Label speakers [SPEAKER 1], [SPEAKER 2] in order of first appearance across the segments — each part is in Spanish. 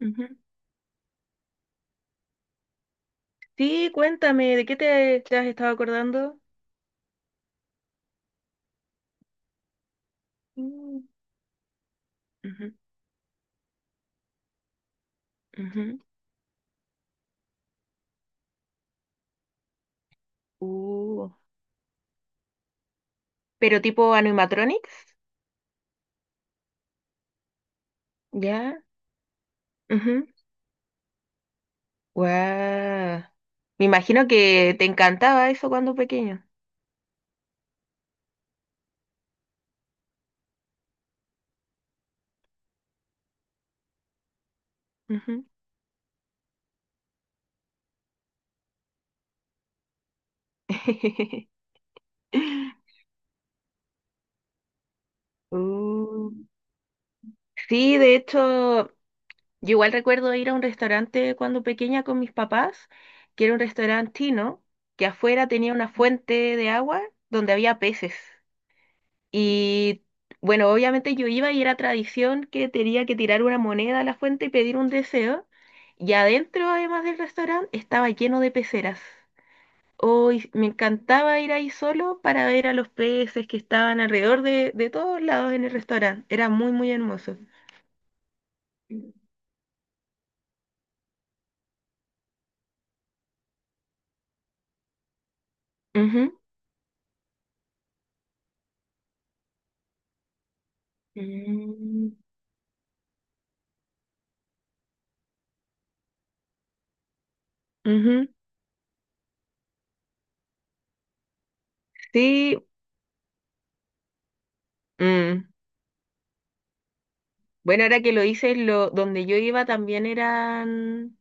[SPEAKER 1] Ujú. Sí, cuéntame, ¿de qué te has estado acordando? Mm. Ujú, ujú. Uh, ¿Pero tipo animatronics? Ya. Ujú. Guau. Me imagino que te encantaba eso cuando pequeño. Ujú. Uh, Sí, de hecho, yo igual recuerdo ir a un restaurante cuando pequeña con mis papás, que era un restaurante chino, que afuera tenía una fuente de agua donde había peces. Y bueno, obviamente yo iba y era tradición que tenía que tirar una moneda a la fuente y pedir un deseo. Y adentro, además del restaurante, estaba lleno de peceras. Hoy me encantaba ir ahí solo para ver a los peces que estaban alrededor de todos lados en el restaurante. Era muy, muy hermoso. Ujú. Mm. Ujú. Sí, mm. Bueno, ahora que lo hice, donde yo iba también eran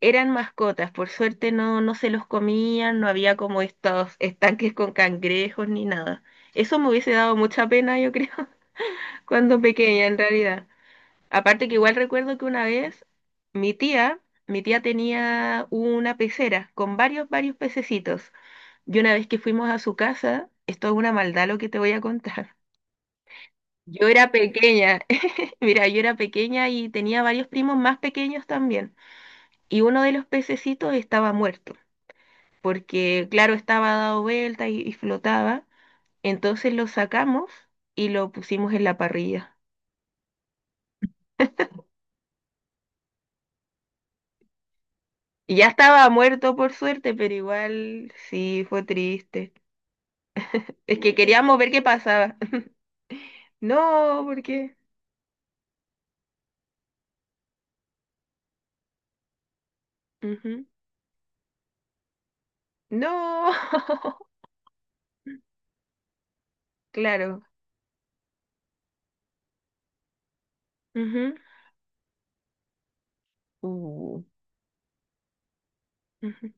[SPEAKER 1] eran mascotas, por suerte no, no se los comían, no había como estos estanques con cangrejos ni nada. Eso me hubiese dado mucha pena, yo creo, cuando pequeña en realidad. Aparte que igual recuerdo que una vez mi tía, mi tía tenía una pecera con varios pececitos. Y una vez que fuimos a su casa, esto es una maldad lo que te voy a contar. Yo era pequeña, mira, yo era pequeña y tenía varios primos más pequeños también. Y uno de los pececitos estaba muerto, porque claro, estaba dado vuelta y flotaba. Entonces lo sacamos y lo pusimos en la parrilla. Y ya estaba muerto por suerte, pero igual sí, fue triste. Es que queríamos ver qué pasaba. No, porque. Ujú. No, claro. Ujú. Uh, Ujú.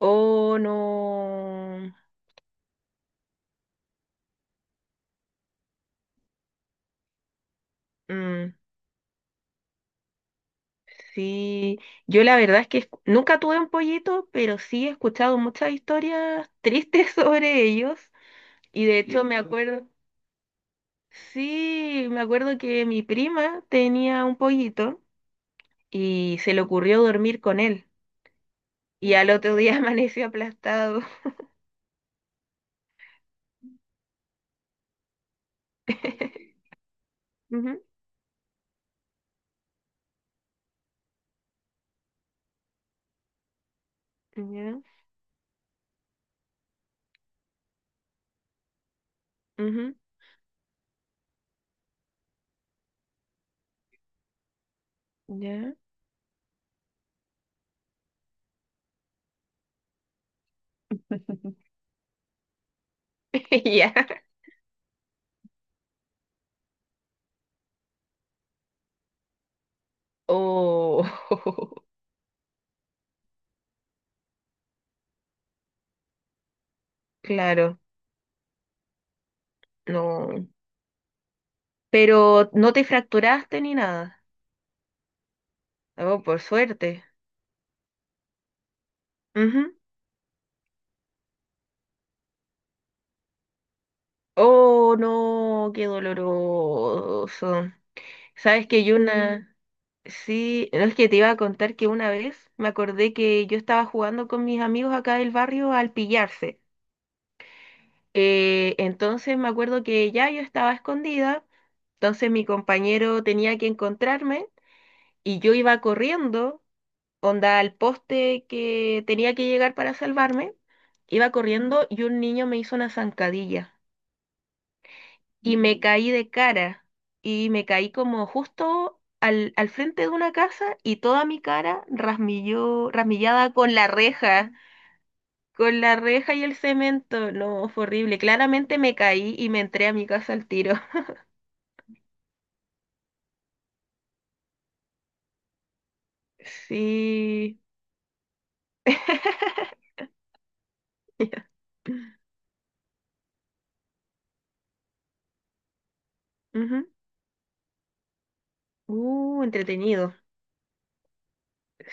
[SPEAKER 1] Oh, no. Mm, sí, yo la verdad es que nunca tuve un pollito, pero sí he escuchado muchas historias tristes sobre ellos. Y de hecho me eso? Acuerdo, sí, me acuerdo que mi prima tenía un pollito y se le ocurrió dormir con él. Y al otro día amaneció aplastado. Ujú. Ya, ujú, ya. Ya. Oh, claro, no. Pero no te fracturaste ni nada. Oh, por suerte. Ujú. Oh, no, qué doloroso. Sabes que yo una, Sí, no es que te iba a contar que una vez me acordé que yo estaba jugando con mis amigos acá del barrio al pillarse. Entonces me acuerdo que ya yo estaba escondida, entonces mi compañero tenía que encontrarme y yo iba corriendo, onda al poste que tenía que llegar para salvarme, iba corriendo y un niño me hizo una zancadilla. Y me caí de cara y me caí como justo al frente de una casa y toda mi cara rasmilló, rasmillada con la reja, y el cemento. No, fue horrible. Claramente me caí y me entré a mi casa al tiro. Sí. Ujú. Entretenido.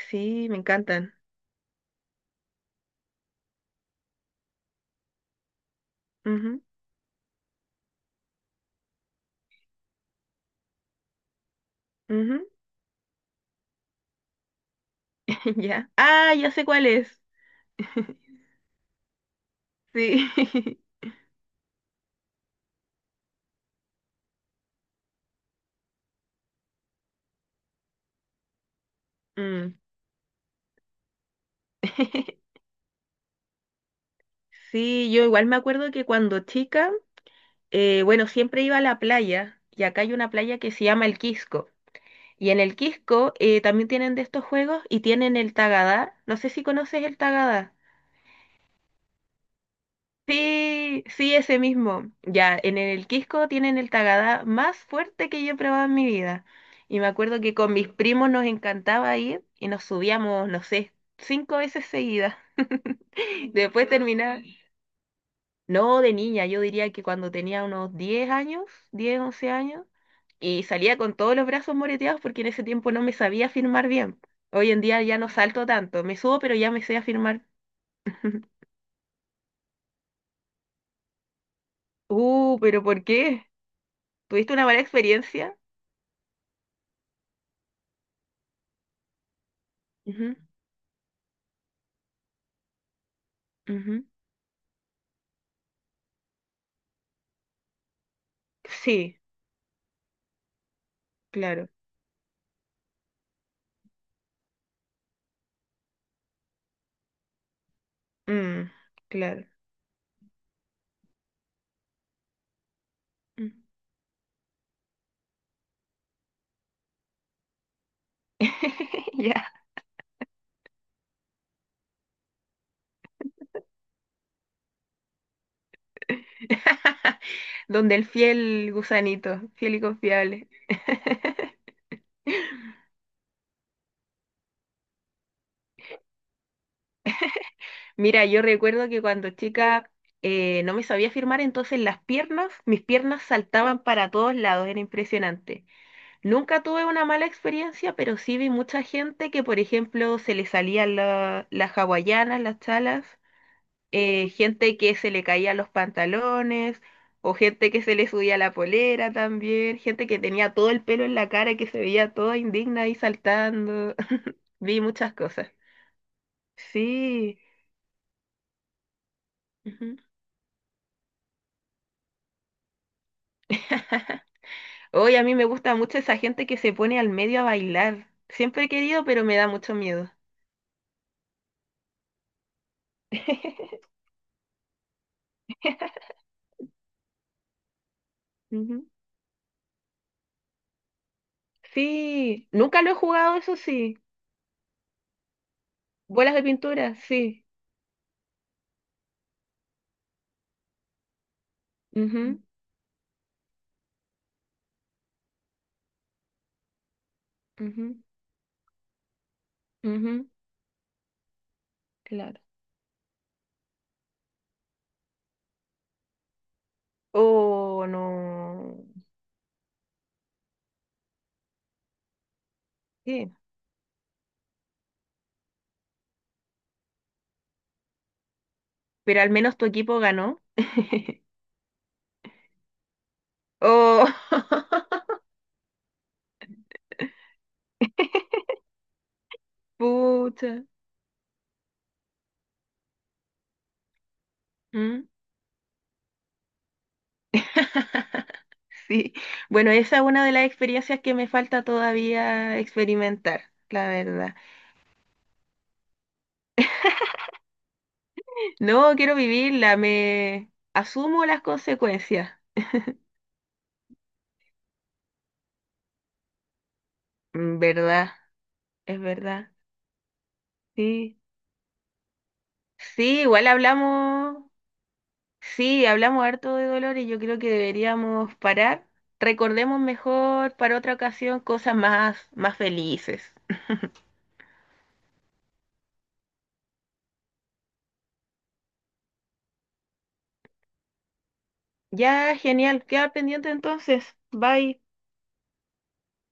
[SPEAKER 1] Sí, me encantan. Ujú, ujú. Ya. Ah, ya sé cuál es. Sí. Mm. Sí, yo igual me acuerdo que cuando chica, bueno, siempre iba a la playa y acá hay una playa que se llama El Quisco. Y en El Quisco también tienen de estos juegos y tienen el Tagadá. No sé si conoces el Tagadá. Sí, sí, ese mismo. Ya, en el Quisco tienen el Tagadá más fuerte que yo he probado en mi vida. Y me acuerdo que con mis primos nos encantaba ir y nos subíamos, no sé, cinco veces seguidas. Después terminaba. No, de niña, yo diría que cuando tenía unos 10 años, 10, 11 años, y salía con todos los brazos moreteados porque en ese tiempo no me sabía firmar bien. Hoy en día ya no salto tanto, me subo pero ya me sé afirmar. Pero ¿por qué? ¿Tuviste una mala experiencia? Ujú, ujú. Sí, claro. Mm, claro. Mm. Ya. Donde el fiel gusanito, fiel y confiable. Mira, yo recuerdo que cuando chica no me sabía firmar, entonces las piernas, mis piernas saltaban para todos lados, era impresionante. Nunca tuve una mala experiencia, pero sí vi mucha gente que, por ejemplo, se le salían las hawaianas, las chalas, gente que se le caían los pantalones, o gente que se le subía la polera también, gente que tenía todo el pelo en la cara y que se veía toda indigna ahí saltando. Vi muchas cosas. Sí. Ujú. Hoy a mí me gusta mucho esa gente que se pone al medio a bailar. Siempre he querido, pero me da mucho miedo. Ujú. Sí, nunca lo he jugado, eso sí. Bolas de pintura, sí. Ujú, ujú, ujú. Claro. Oh, no. Sí. Pero al menos tu equipo ganó. Oh, pucha. Mm. Sí. Bueno, esa es una de las experiencias que me falta todavía experimentar, la verdad. No quiero vivirla, me asumo las consecuencias. Mm, ¿verdad? Es verdad. Sí. Sí, igual hablamos, sí, hablamos harto de dolor y yo creo que deberíamos parar. Recordemos mejor para otra ocasión cosas más, más felices. Ya, genial. Queda pendiente entonces. Bye.